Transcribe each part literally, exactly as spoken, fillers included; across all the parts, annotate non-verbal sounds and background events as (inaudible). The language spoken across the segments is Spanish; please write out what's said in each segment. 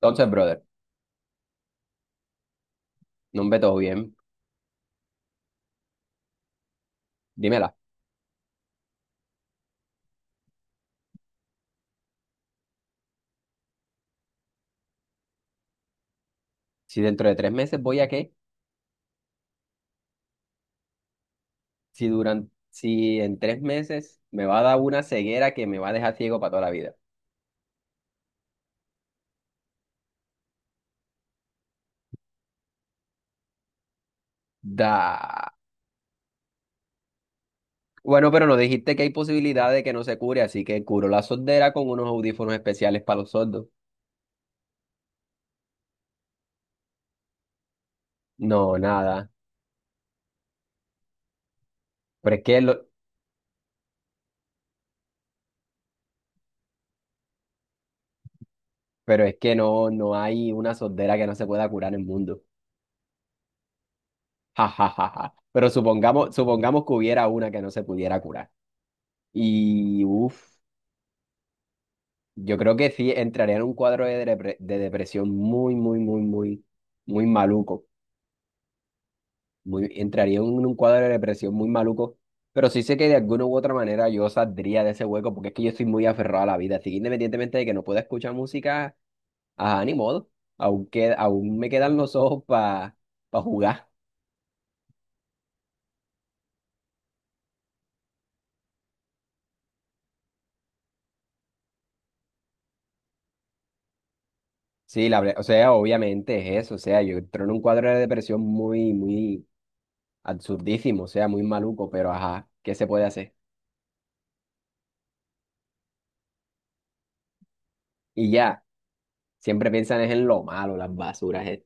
Entonces, brother, ¿no nombre todo bien? Dímela, si dentro de tres meses voy a qué, si duran, si en tres meses me va a dar una ceguera que me va a dejar ciego para toda la vida. Da. Bueno, pero nos dijiste que hay posibilidad de que no se cure, así que curo la sordera con unos audífonos especiales para los sordos. No, nada. Pero es que lo- pero es que no, no hay una sordera que no se pueda curar en el mundo. Ja, ja, ja, ja. Pero supongamos, supongamos que hubiera una que no se pudiera curar. Y uff. Yo creo que sí entraría en un cuadro de, depre- de depresión, muy, muy, muy, muy, muy maluco. Muy, entraría en un cuadro de depresión muy maluco. Pero sí sé que de alguna u otra manera yo saldría de ese hueco porque es que yo soy muy aferrado a la vida. Así que independientemente de que no pueda escuchar música, a ni modo. Aún, qued- aún me quedan los ojos para jugar. Sí, la, verdad- o sea, obviamente es eso. O sea, yo entro en un cuadro de depresión muy, muy absurdísimo. O sea, muy maluco. Pero ajá, ¿qué se puede hacer? Y ya. Siempre piensan es en lo malo, las basuras. eh.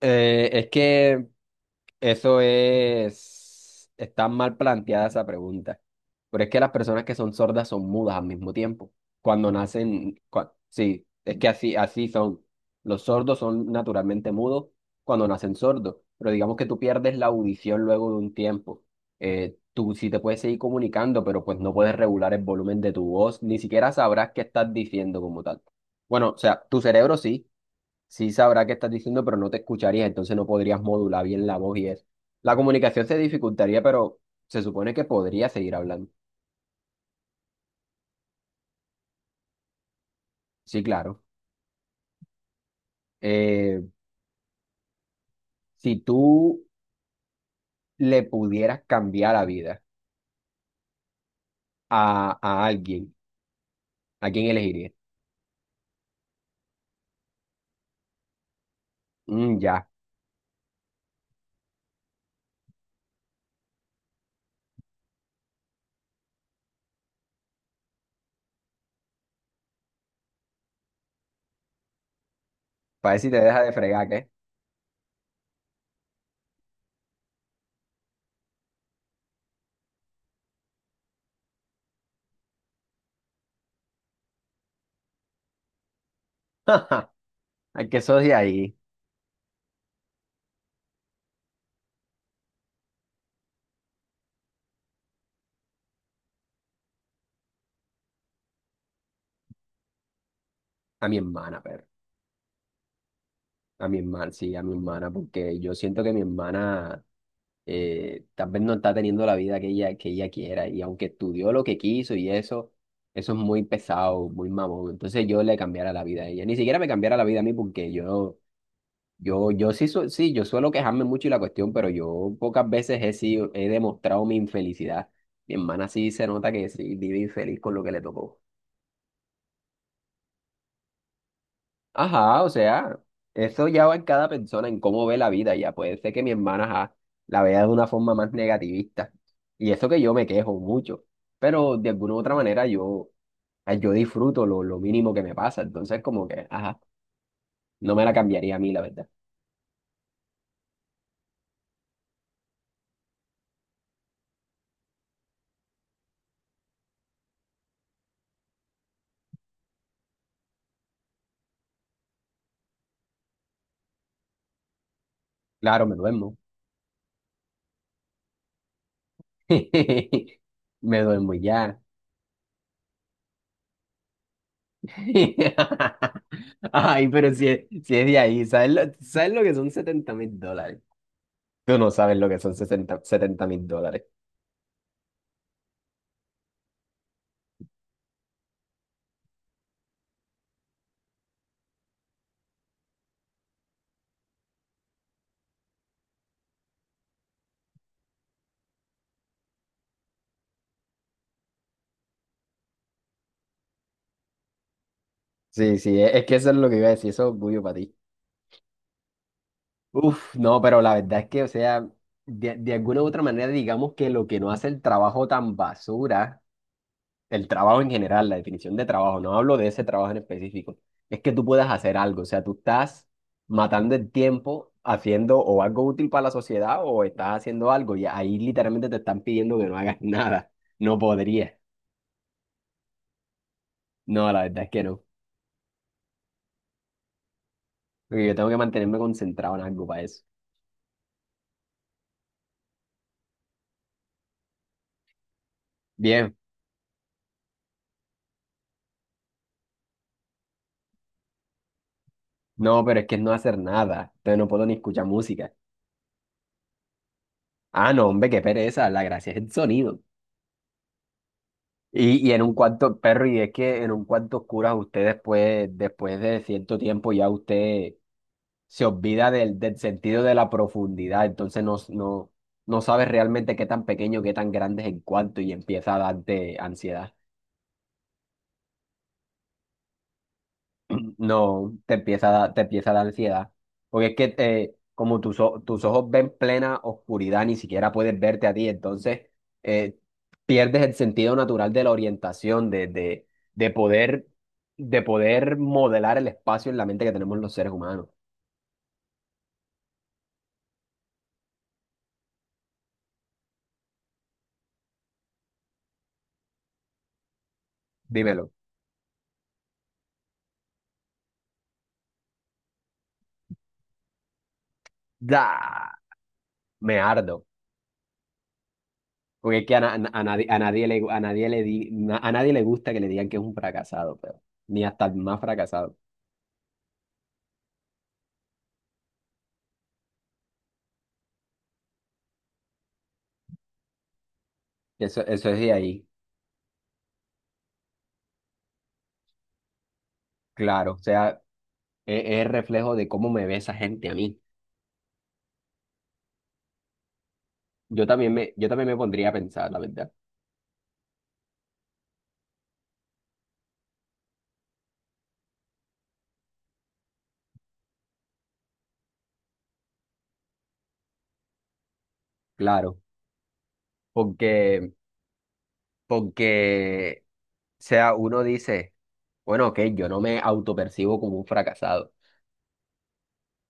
Eh, es que eso es... Está mal planteada esa pregunta. Pero es que las personas que son sordas son mudas al mismo tiempo. Cuando nacen... cua- Sí, es que así, así son. Los sordos son naturalmente mudos cuando nacen sordos. Pero digamos que tú pierdes la audición luego de un tiempo. Eh, tú sí te puedes seguir comunicando, pero pues no puedes regular el volumen de tu voz. Ni siquiera sabrás qué estás diciendo como tal. Bueno, o sea, tu cerebro sí sí sabrá qué estás diciendo, pero no te escucharía, entonces no podrías modular bien la voz y eso. La comunicación se dificultaría, pero se supone que podría seguir hablando. Sí, claro. Eh, si tú le pudieras cambiar la vida a, a alguien, ¿a quién elegirías? Mm, ya, para ver si te deja de fregar, ¿qué? (laughs) Al que sos de ahí, a mi hermana, pero. A mi hermana, sí, a mi hermana, porque yo siento que mi hermana eh, tal vez no está teniendo la vida que ella, que ella quiera, y aunque estudió lo que quiso y eso, eso es muy pesado, muy mamón. Entonces yo le cambiara la vida a ella, ni siquiera me cambiara la vida a mí porque yo, yo, yo sí, su- sí, yo suelo quejarme mucho y la cuestión, pero yo pocas veces he sido, he demostrado mi infelicidad. Mi hermana sí se nota que sí vive infeliz con lo que le tocó. Ajá, o sea, eso ya va en cada persona, en cómo ve la vida, ya puede ser que mi hermana, ajá, la vea de una forma más negativista. Y eso que yo me quejo mucho, pero de alguna u otra manera yo, ay, yo disfruto lo, lo mínimo que me pasa, entonces como que, ajá, no me la cambiaría a mí, la verdad. Claro, me duermo. (laughs) Me duermo y ya. (laughs) Ay, pero si es, si es de ahí, ¿sabes lo, sabes lo que son setenta mil dólares? Tú no sabes lo que son sesenta, setenta mil dólares. Sí, sí, es es que eso es lo que iba a decir, eso es orgullo para ti. Uf, no, pero la verdad es que, o sea, de, de alguna u otra manera, digamos que lo que no hace el trabajo tan basura, el trabajo en general, la definición de trabajo, no hablo de ese trabajo en específico, es que tú puedas hacer algo, o sea, tú estás matando el tiempo haciendo o algo útil para la sociedad o estás haciendo algo y ahí literalmente te están pidiendo que no hagas (laughs) nada, no podría. No, la verdad es que no, porque yo tengo que mantenerme concentrado en algo para eso. Bien. No, pero es que es no hacer nada. Entonces no puedo ni escuchar música. Ah, no, hombre, qué pereza. La gracia es el sonido. Y, y en un cuarto, perro, y es que en un cuarto oscuro usted después, después de cierto tiempo ya usted se olvida del, del sentido de la profundidad. Entonces no, no, no sabe realmente qué tan pequeño, qué tan grande es el cuarto y empieza a darte ansiedad. No, te empieza a dar, te empieza a dar ansiedad. Porque es que eh, como tus, o- tus ojos ven plena oscuridad, ni siquiera puedes verte a ti, entonces eh, pierdes el sentido natural de la orientación, de, de, de poder, de poder modelar el espacio en la mente que tenemos los seres humanos. Dímelo. Da, me ardo. Porque es que a, na- a nadie, a nadie le, a nadie le di- na- a nadie le gusta que le digan que es un fracasado, pero ni hasta el más fracasado. Eso, eso es de ahí. Claro, o sea, Es, es reflejo de cómo me ve esa gente a mí. Yo también me, yo también me pondría a pensar, la verdad. Claro, porque, porque, o sea, uno dice, bueno, ok, yo no me autopercibo como un fracasado,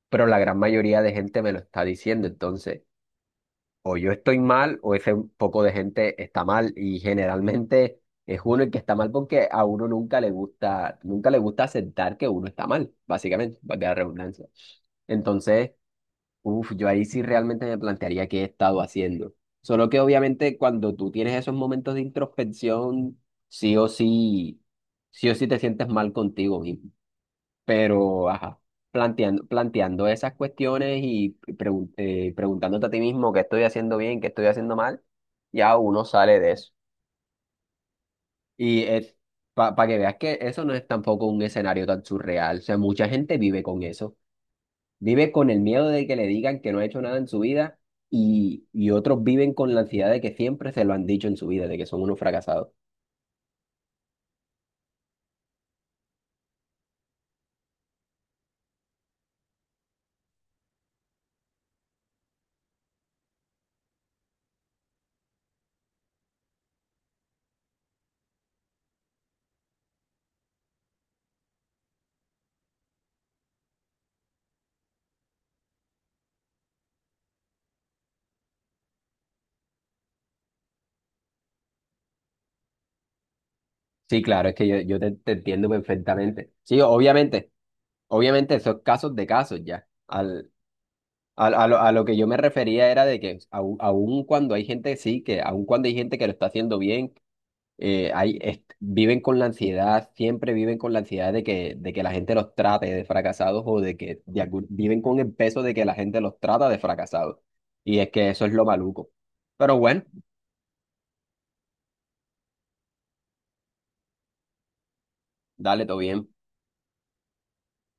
pero la gran mayoría de gente me lo está diciendo, entonces, o yo estoy mal o ese poco de gente está mal y generalmente es uno el que está mal porque a uno nunca le gusta, nunca le gusta aceptar que uno está mal, básicamente, valga la redundancia. Entonces... Uf, yo ahí sí realmente me plantearía qué he estado haciendo. Solo que obviamente cuando tú tienes esos momentos de introspección, sí o sí, sí o sí te sientes mal contigo mismo. Pero, ajá, planteando, planteando esas cuestiones y pregun- eh, preguntándote a ti mismo qué estoy haciendo bien, qué estoy haciendo mal, ya uno sale de eso. Y para que veas que eso no es tampoco un escenario tan surreal. O sea, mucha gente vive con eso. Vive con el miedo de que le digan que no ha hecho nada en su vida y, y otros viven con la ansiedad de que siempre se lo han dicho en su vida, de que son unos fracasados. Sí, claro, es que yo, yo te, te entiendo perfectamente. Sí, obviamente, obviamente esos casos de casos ya. Al, al- a, lo, a lo que yo me refería era de que aun aun cuando hay gente, sí, que aun cuando hay gente que lo está haciendo bien eh, hay, est- viven con la ansiedad, siempre viven con la ansiedad de que, de que la gente los trate de fracasados o de que de algún- viven con el peso de que la gente los trata de fracasados. Y es que eso es lo maluco. Pero bueno, dale, todo bien.